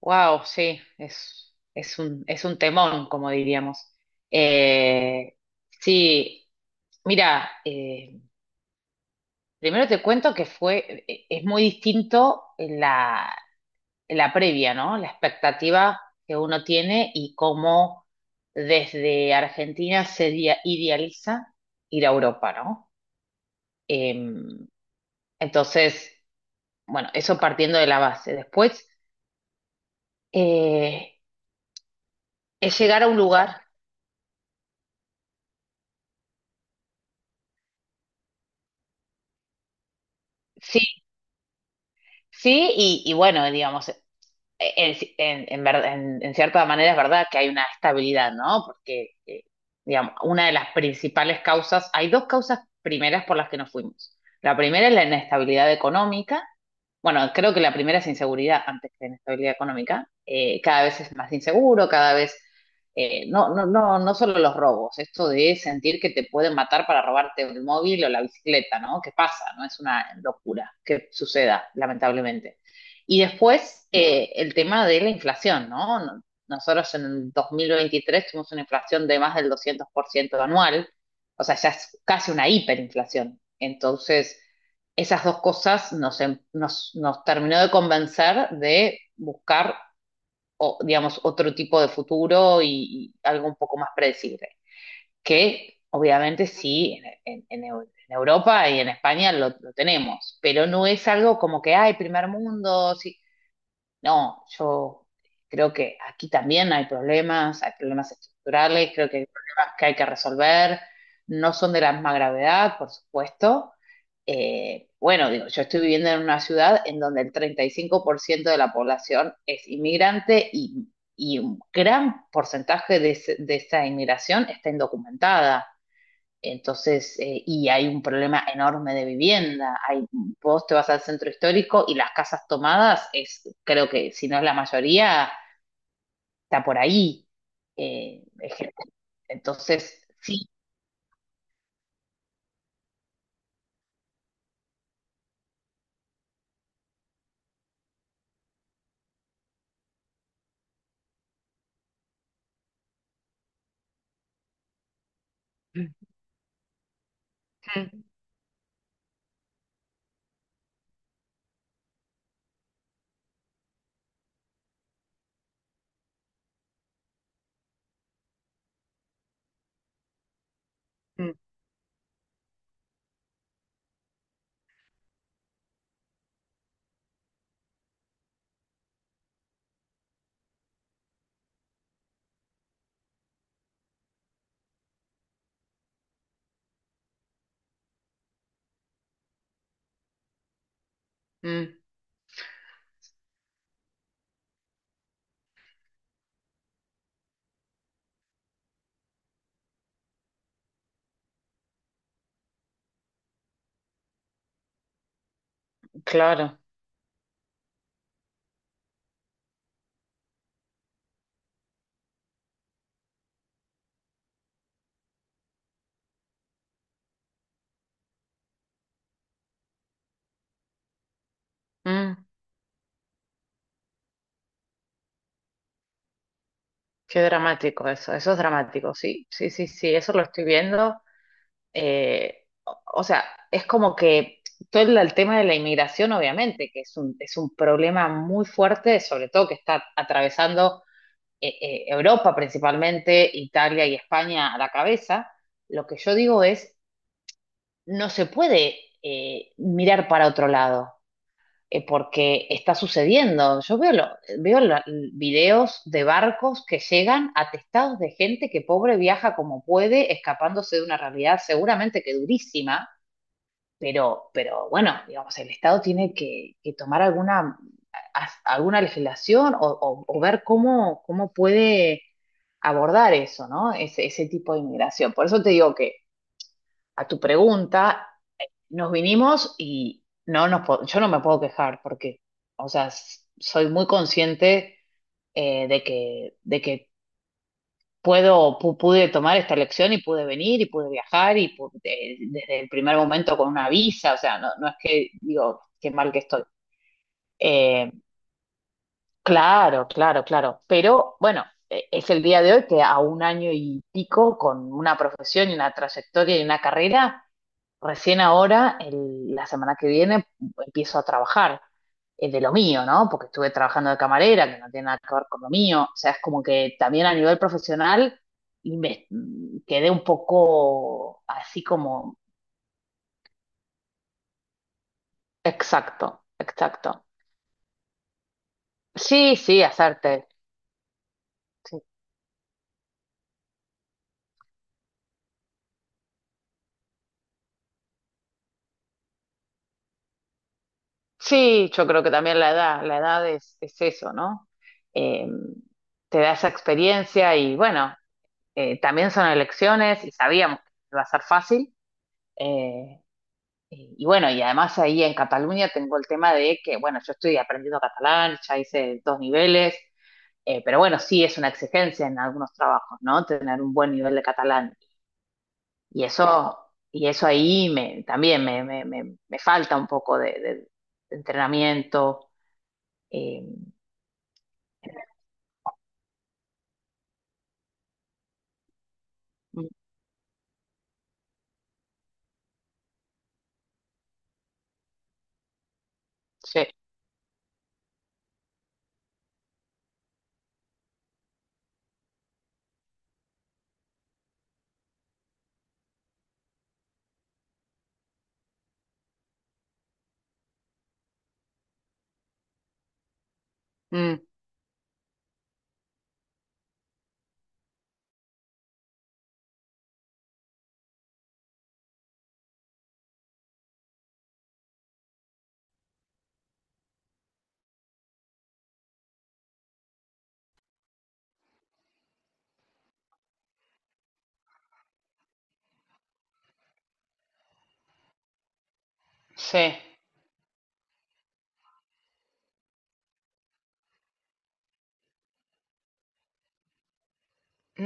Wow, sí, es un temón, como diríamos. Eh, sí, mira, primero te cuento que es muy distinto la previa, ¿no? La expectativa que uno tiene y cómo desde Argentina se idealiza ir a Europa, ¿no? Em, entonces, bueno, eso partiendo de la base. Después, eh, es llegar a un lugar. Sí. Sí, y bueno, digamos, en cierta manera es verdad que hay una estabilidad, ¿no? Porque, digamos, una de las principales causas, hay dos causas primeras por las que nos fuimos. La primera es la inestabilidad económica. Bueno, creo que la primera es inseguridad antes que inestabilidad económica. Cada vez es más inseguro, cada vez no solo los robos, esto de sentir que te pueden matar para robarte el móvil o la bicicleta, ¿no? ¿Qué pasa? No es una locura que suceda, lamentablemente. Y después el tema de la inflación, ¿no? Nosotros en el 2023 tuvimos una inflación de más del 200% anual, o sea, ya es casi una hiperinflación. Entonces, esas dos cosas nos terminó de convencer de buscar, o, digamos, otro tipo de futuro y algo un poco más predecible, que obviamente sí, en Europa y en España lo tenemos, pero no es algo como que, ay primer mundo, sí. No, yo creo que aquí también hay problemas estructurales, creo que hay problemas que hay que resolver, no son de la misma gravedad, por supuesto. Bueno, digo, yo estoy viviendo en una ciudad en donde el 35% de la población es inmigrante y un gran porcentaje de esa inmigración está indocumentada. Entonces, y hay un problema enorme de vivienda. Hay, vos te vas al centro histórico y las casas tomadas es, creo que si no es la mayoría, está por ahí. Es gente. Entonces, sí. Mm, mm, mm, claro. Mm, qué dramático eso. Eso es dramático, sí, sí, sí, sí. Eso lo estoy viendo. O sea, es como que todo el tema de la inmigración, obviamente, que es un problema muy fuerte, sobre todo que está atravesando Europa principalmente, Italia y España a la cabeza. Lo que yo digo es, no se puede mirar para otro lado, porque está sucediendo. Veo la- videos de barcos que llegan atestados de gente que pobre viaja como puede, escapándose de una realidad seguramente que durísima, pero bueno, digamos, el Estado tiene que tomar alguna, alguna legislación o ver cómo, cómo puede abordar eso, ¿no? Ese tipo de inmigración. Por eso te digo que a tu pregunta, nos vinimos y yo no me puedo quejar porque, o sea, soy muy consciente de de que pude tomar esta elección y pude venir y pude viajar y desde el primer momento con una visa, o sea, no, no es que digo, qué mal que estoy. Eh, claro, claro, claro, pero bueno, es el día de hoy que a un año y pico con una profesión y una trayectoria y una carrera. Recién ahora, la semana que viene, empiezo a trabajar de lo mío, ¿no? Porque estuve trabajando de camarera, que no tiene nada que ver con lo mío. O sea, es como que también a nivel profesional y me quedé un poco así como, exacto, exacto. Sí, sí, hacerte. Sí. Sí, yo creo que también la edad es eso, ¿no? Eh, te da esa experiencia y bueno, también son elecciones y sabíamos que iba a ser fácil. Eh, Y bueno, y además ahí en Cataluña tengo el tema de que, bueno, yo estoy aprendiendo catalán, ya hice 2 niveles, pero bueno, sí es una exigencia en algunos trabajos, ¿no? Tener un buen nivel de catalán. Y eso, y eso ahí me, también me, me falta un poco de entrenamiento. Eh, mm, sí, mm, sí.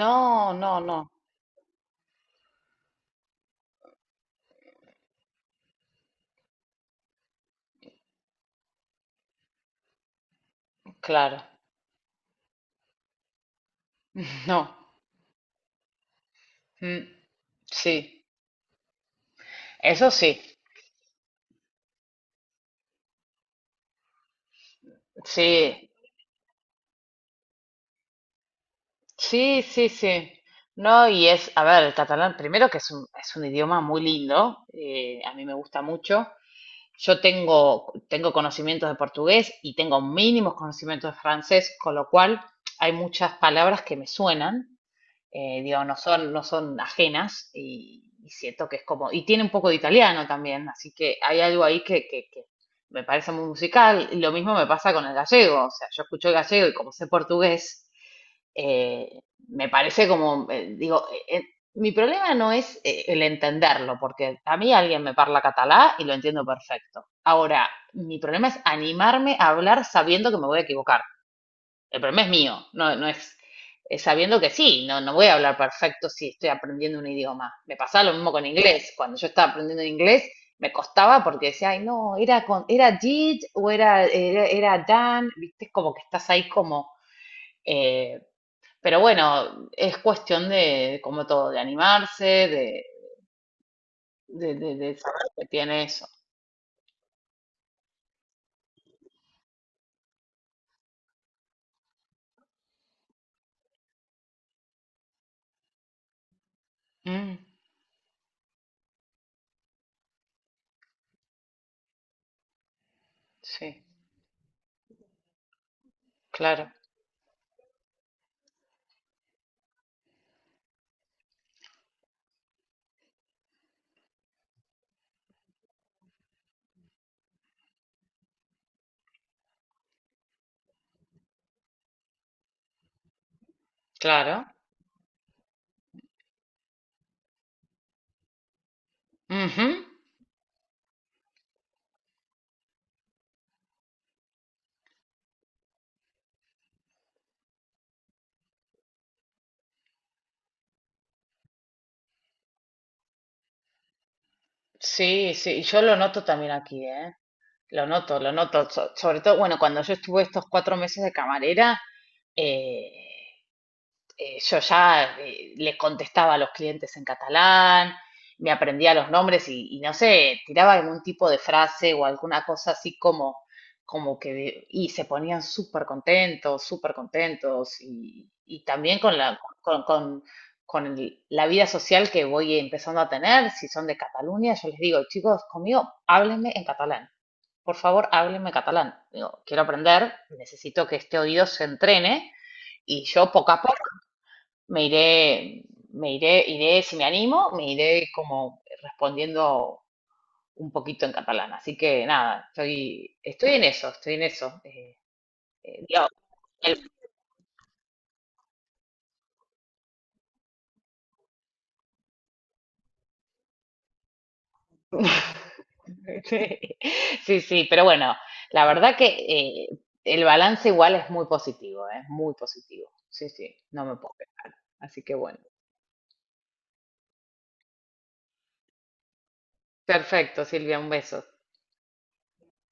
No, no, no, claro, no, mm, sí, eso sí, sí. Sí, sí, sí. No, y es, a ver, el catalán primero que es un idioma muy lindo, a mí me gusta mucho. Yo tengo, tengo conocimientos de portugués y tengo mínimos conocimientos de francés, con lo cual hay muchas palabras que me suenan, digo, no son, no son ajenas y siento que es como, y tiene un poco de italiano también, así que hay algo ahí que me parece muy musical, y lo mismo me pasa con el gallego, o sea, yo escucho el gallego y como sé portugués, eh, me parece como, digo, mi problema no es el entenderlo, porque a mí alguien me parla catalá y lo entiendo perfecto. Ahora, mi problema es animarme a hablar sabiendo que me voy a equivocar. El problema es mío, no, no es, sabiendo que sí, no, no voy a hablar perfecto si estoy aprendiendo un idioma. Me pasaba lo mismo con inglés. Cuando yo estaba aprendiendo inglés, me costaba porque decía, ay, no, era, con, era did o era, era, era done, viste, como que estás ahí como... eh, pero bueno, es cuestión de como todo, de animarse, de, de saber que tiene eso. Mm, sí, claro, claro. Ujú. Sí, sí, yo lo noto también aquí, ¿eh? Lo noto, lo noto. Sobre todo, bueno, cuando yo estuve estos 4 meses de camarera, eh, yo ya les contestaba a los clientes en catalán, me aprendía los nombres y no sé, tiraba algún tipo de frase o alguna cosa así como, como que, y se ponían súper contentos y también con la, con la vida social que voy empezando a tener, si son de Cataluña, yo les digo, chicos, conmigo, háblenme en catalán por favor, háblenme catalán. Digo, quiero aprender, necesito que este oído se entrene y yo poco a poco me iré, me iré, iré, si me animo, me iré como respondiendo un poquito en catalán. Así que nada, estoy, estoy en eso, estoy en eso. Digo, el- sí, sí, pero bueno, la verdad que eh, el balance igual es muy positivo, es muy positivo. Sí, sí, no me puedo quejar. Así que bueno. Perfecto, Silvia, un beso.